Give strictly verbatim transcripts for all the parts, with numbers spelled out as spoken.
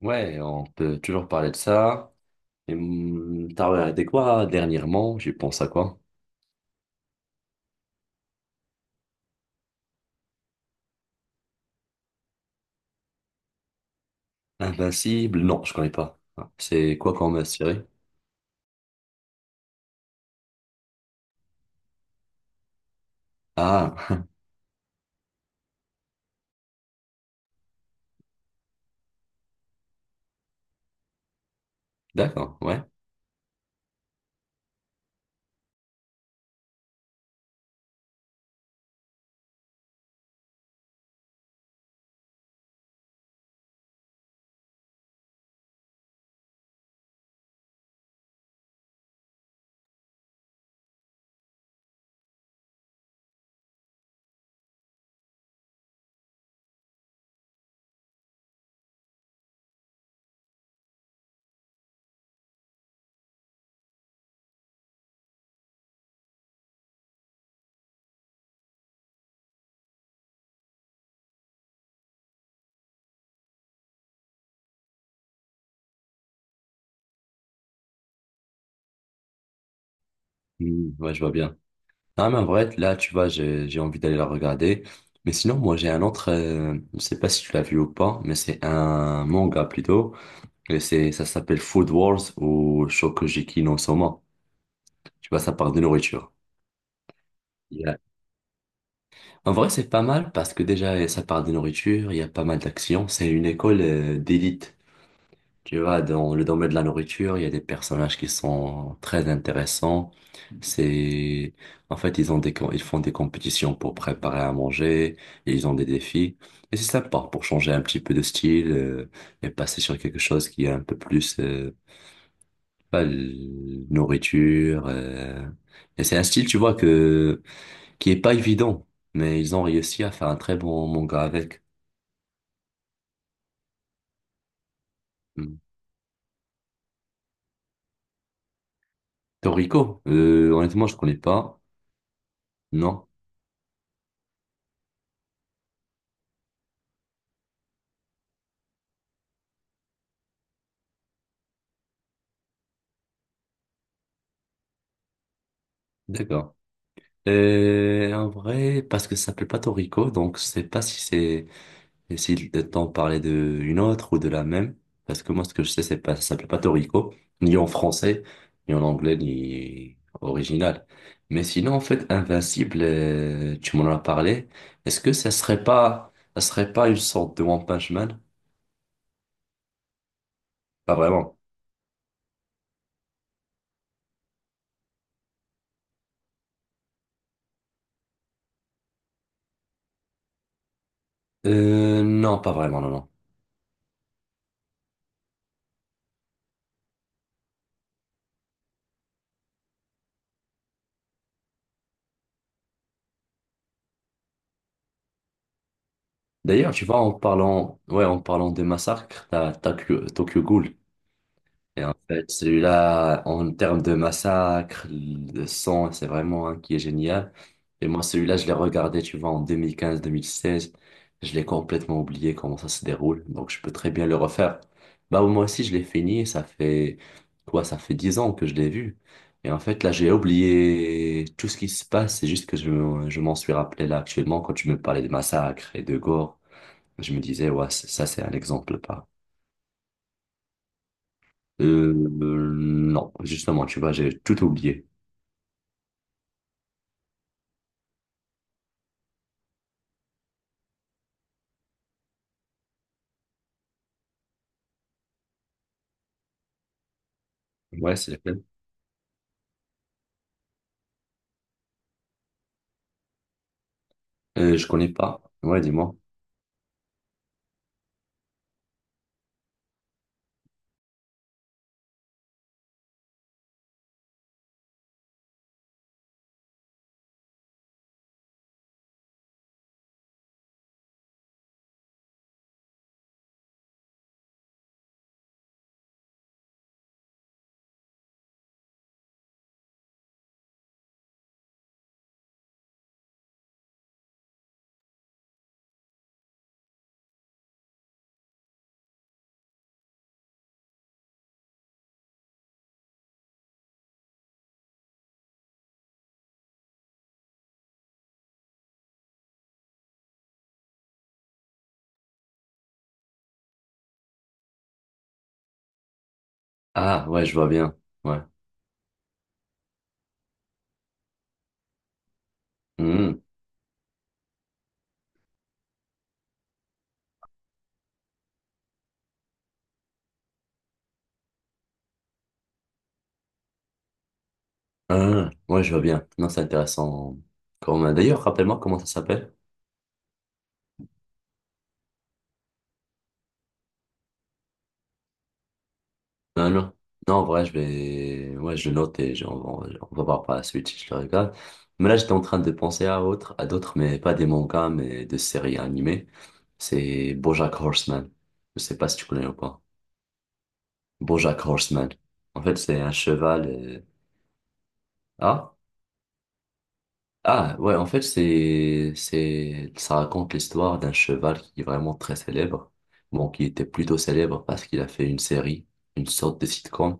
Ouais, on peut toujours parler de ça. Et, hum, T'as regardé quoi dernièrement? J'y pense à quoi? Invincible? Non, je connais pas. Ah, c'est quoi comme série? Ah, d'accord, ouais. Hum, Ouais, je vois bien. Ah, mais en vrai, là, tu vois, j'ai j'ai envie d'aller la regarder. Mais sinon, moi, j'ai un autre, euh, je sais pas si tu l'as vu ou pas, mais c'est un manga plutôt. Et c'est, ça s'appelle Food Wars ou Shokugeki no Soma. Tu vois, ça parle de nourriture. En vrai, c'est pas mal parce que déjà, eh, ça part de nourriture, il y a pas mal d'actions. C'est une école euh, d'élite. Tu vois, dans le domaine de la nourriture, il y a des personnages qui sont très intéressants. C'est, en fait, ils ont des, com- ils font des compétitions pour préparer à manger, et ils ont des défis. Et c'est sympa pour changer un petit peu de style euh, et passer sur quelque chose qui est un peu plus, euh, pas l- nourriture. euh. Et c'est un style, tu vois, que qui est pas évident, mais ils ont réussi à faire un très bon manga avec. Hmm. Toriko, euh, honnêtement, je connais pas. Non, d'accord. Et en vrai, parce que ça s'appelle pas Toriko, donc je sais pas si c'est et si t'en parlais de une autre ou de la même, parce que moi ce que je sais c'est pas ça s'appelle pas Toriko, ni en français, ni en anglais, ni original. Mais sinon en fait Invincible, euh, tu m'en as parlé. Est-ce que ça serait pas ça serait pas une sorte de One Punch Man? Pas vraiment. Euh, non, pas vraiment, non, non. D'ailleurs, tu vois, en parlant, ouais, en parlant des massacres, t'as Tokyo, Tokyo Ghoul. Et en fait, celui-là, en termes de massacre, de son, c'est vraiment un qui est génial. Et moi, celui-là, je l'ai regardé, tu vois, en deux mille quinze-deux mille seize. Je l'ai complètement oublié comment ça se déroule. Donc, je peux très bien le refaire. Bah, moi aussi, je l'ai fini. Et Ça fait, quoi, ça fait dix ans que je l'ai vu. Et en fait, là, j'ai oublié tout ce qui se passe. C'est juste que je, me- je m'en suis rappelé là actuellement quand tu me parlais de massacre et de gore. Je me disais, ouais, ça, c'est un exemple euh, euh, non, justement, tu vois, j'ai tout oublié. Ouais, c'est laquelle? Euh, je connais pas. Ouais, dis-moi. Ah, ouais, je vois bien. Ouais. Mmh. Ah, ouais, je vois bien. Non, c'est intéressant. Comme... euh, D'ailleurs, rappelle-moi comment ça s'appelle. Non, non. Non, en vrai, je vais... Ouais, je note et je- on va, on va voir par la suite si je le regarde. Mais là, j'étais en train de penser à autre, à d'autres, mais pas des mangas, mais de séries animées. C'est BoJack Horseman. Je sais pas si tu connais ou pas. BoJack Horseman. En fait, c'est un cheval. euh, Ah, ah, ouais, en fait, c'est, c'est, ça raconte l'histoire d'un cheval qui est vraiment très célèbre. Bon, qui était plutôt célèbre parce qu'il a fait une série, une sorte de sitcom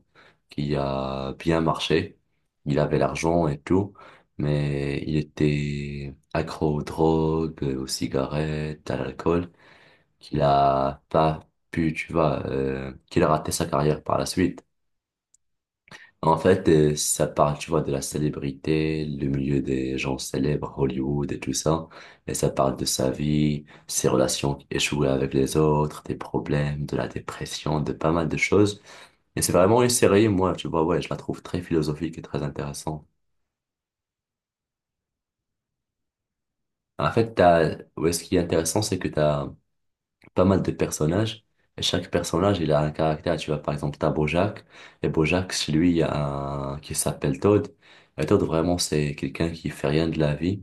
qui a bien marché. Il avait l'argent et tout, mais il était accro aux drogues, aux cigarettes, à l'alcool, qu'il a pas pu, tu vois, euh, qu'il a raté sa carrière par la suite. En fait, euh, ça parle, tu vois, de la célébrité, le milieu des gens célèbres, Hollywood et tout ça. Et ça parle de sa vie, ses relations échouées avec les autres, des problèmes, de la dépression, de pas mal de choses. Et c'est vraiment une série, moi, tu vois, ouais, je la trouve très philosophique et très intéressante. En fait, t'as, ouais, ce qui est intéressant, c'est que t'as pas mal de personnages. Et chaque personnage, il a un caractère. Tu vois, par exemple, t'as Bojack. Et Bojack, chez lui, il y a un qui s'appelle Todd. Et Todd, vraiment, c'est quelqu'un qui fait rien de la vie.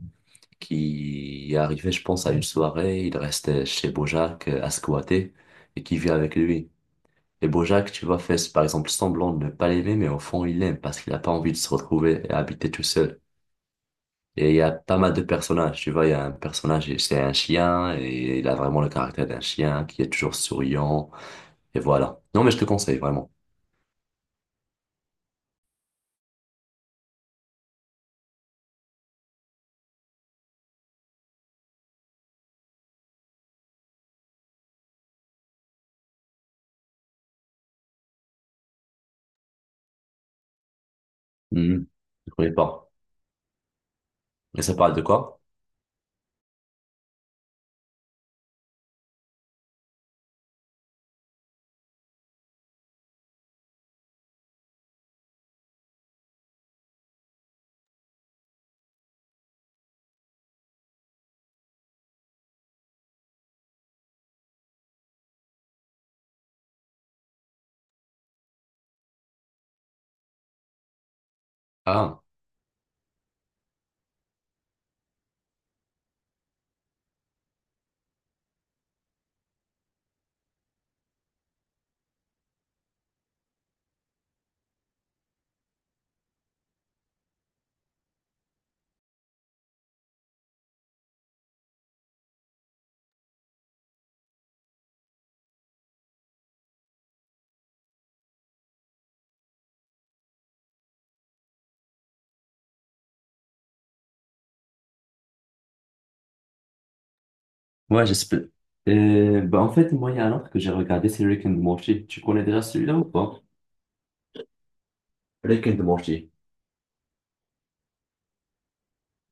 Qui est arrivé, je pense, à une soirée. Il restait chez Bojack euh, à squatter et qui vit avec lui. Et Bojack, tu vois, fait par exemple semblant de ne pas l'aimer, mais au fond, il l'aime parce qu'il n'a pas envie de se retrouver et habiter tout seul. Et il y a pas mal de personnages, tu vois, il y a un personnage, et c'est un chien, et il a vraiment le caractère d'un chien qui est toujours souriant, et voilà. Non, mais je te conseille, vraiment. Mhm. Je connais pas. Mais ça parle de quoi? Ah. Ouais, j'espère. Euh, bah, en fait, moi, il y a un autre que j'ai regardé, c'est Rick and Morty. Tu connais déjà celui-là ou pas? Rick and Morty.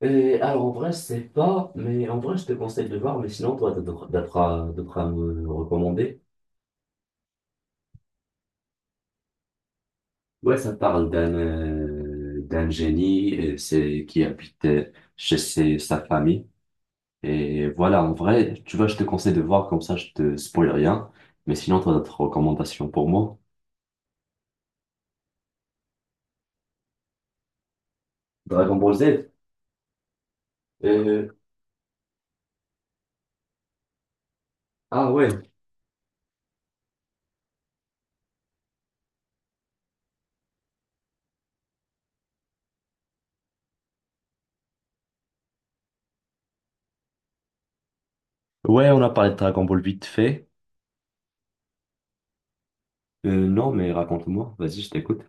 Euh, alors, en vrai, je sais pas, mais en vrai, je te conseille de le voir, mais sinon, toi, tu devras devras me le recommander. Ouais, ça parle d'un euh, d'un génie euh, c'est, qui habite euh, chez ses- sa famille. Et voilà, en vrai, tu vois, je te conseille de voir, comme ça, je te spoil rien. Mais sinon, toi, d'autres recommandations pour moi? Dragon Ball Z. Euh, ah ouais, Ouais, on a parlé de Dragon Ball vite fait. Euh, non, mais raconte-moi. Vas-y, je t'écoute.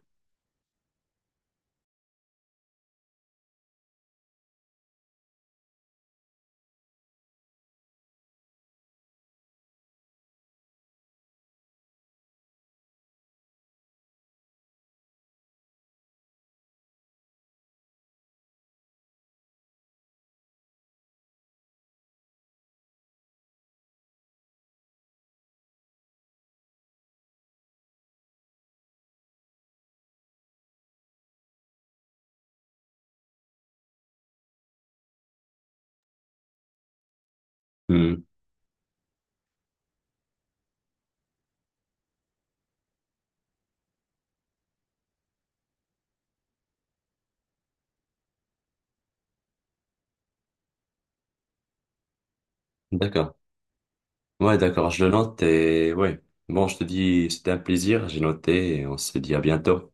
Hmm, d'accord. Ouais, d'accord, je le note et ouais. Bon, je te dis, c'était un plaisir, j'ai noté et on se dit à bientôt.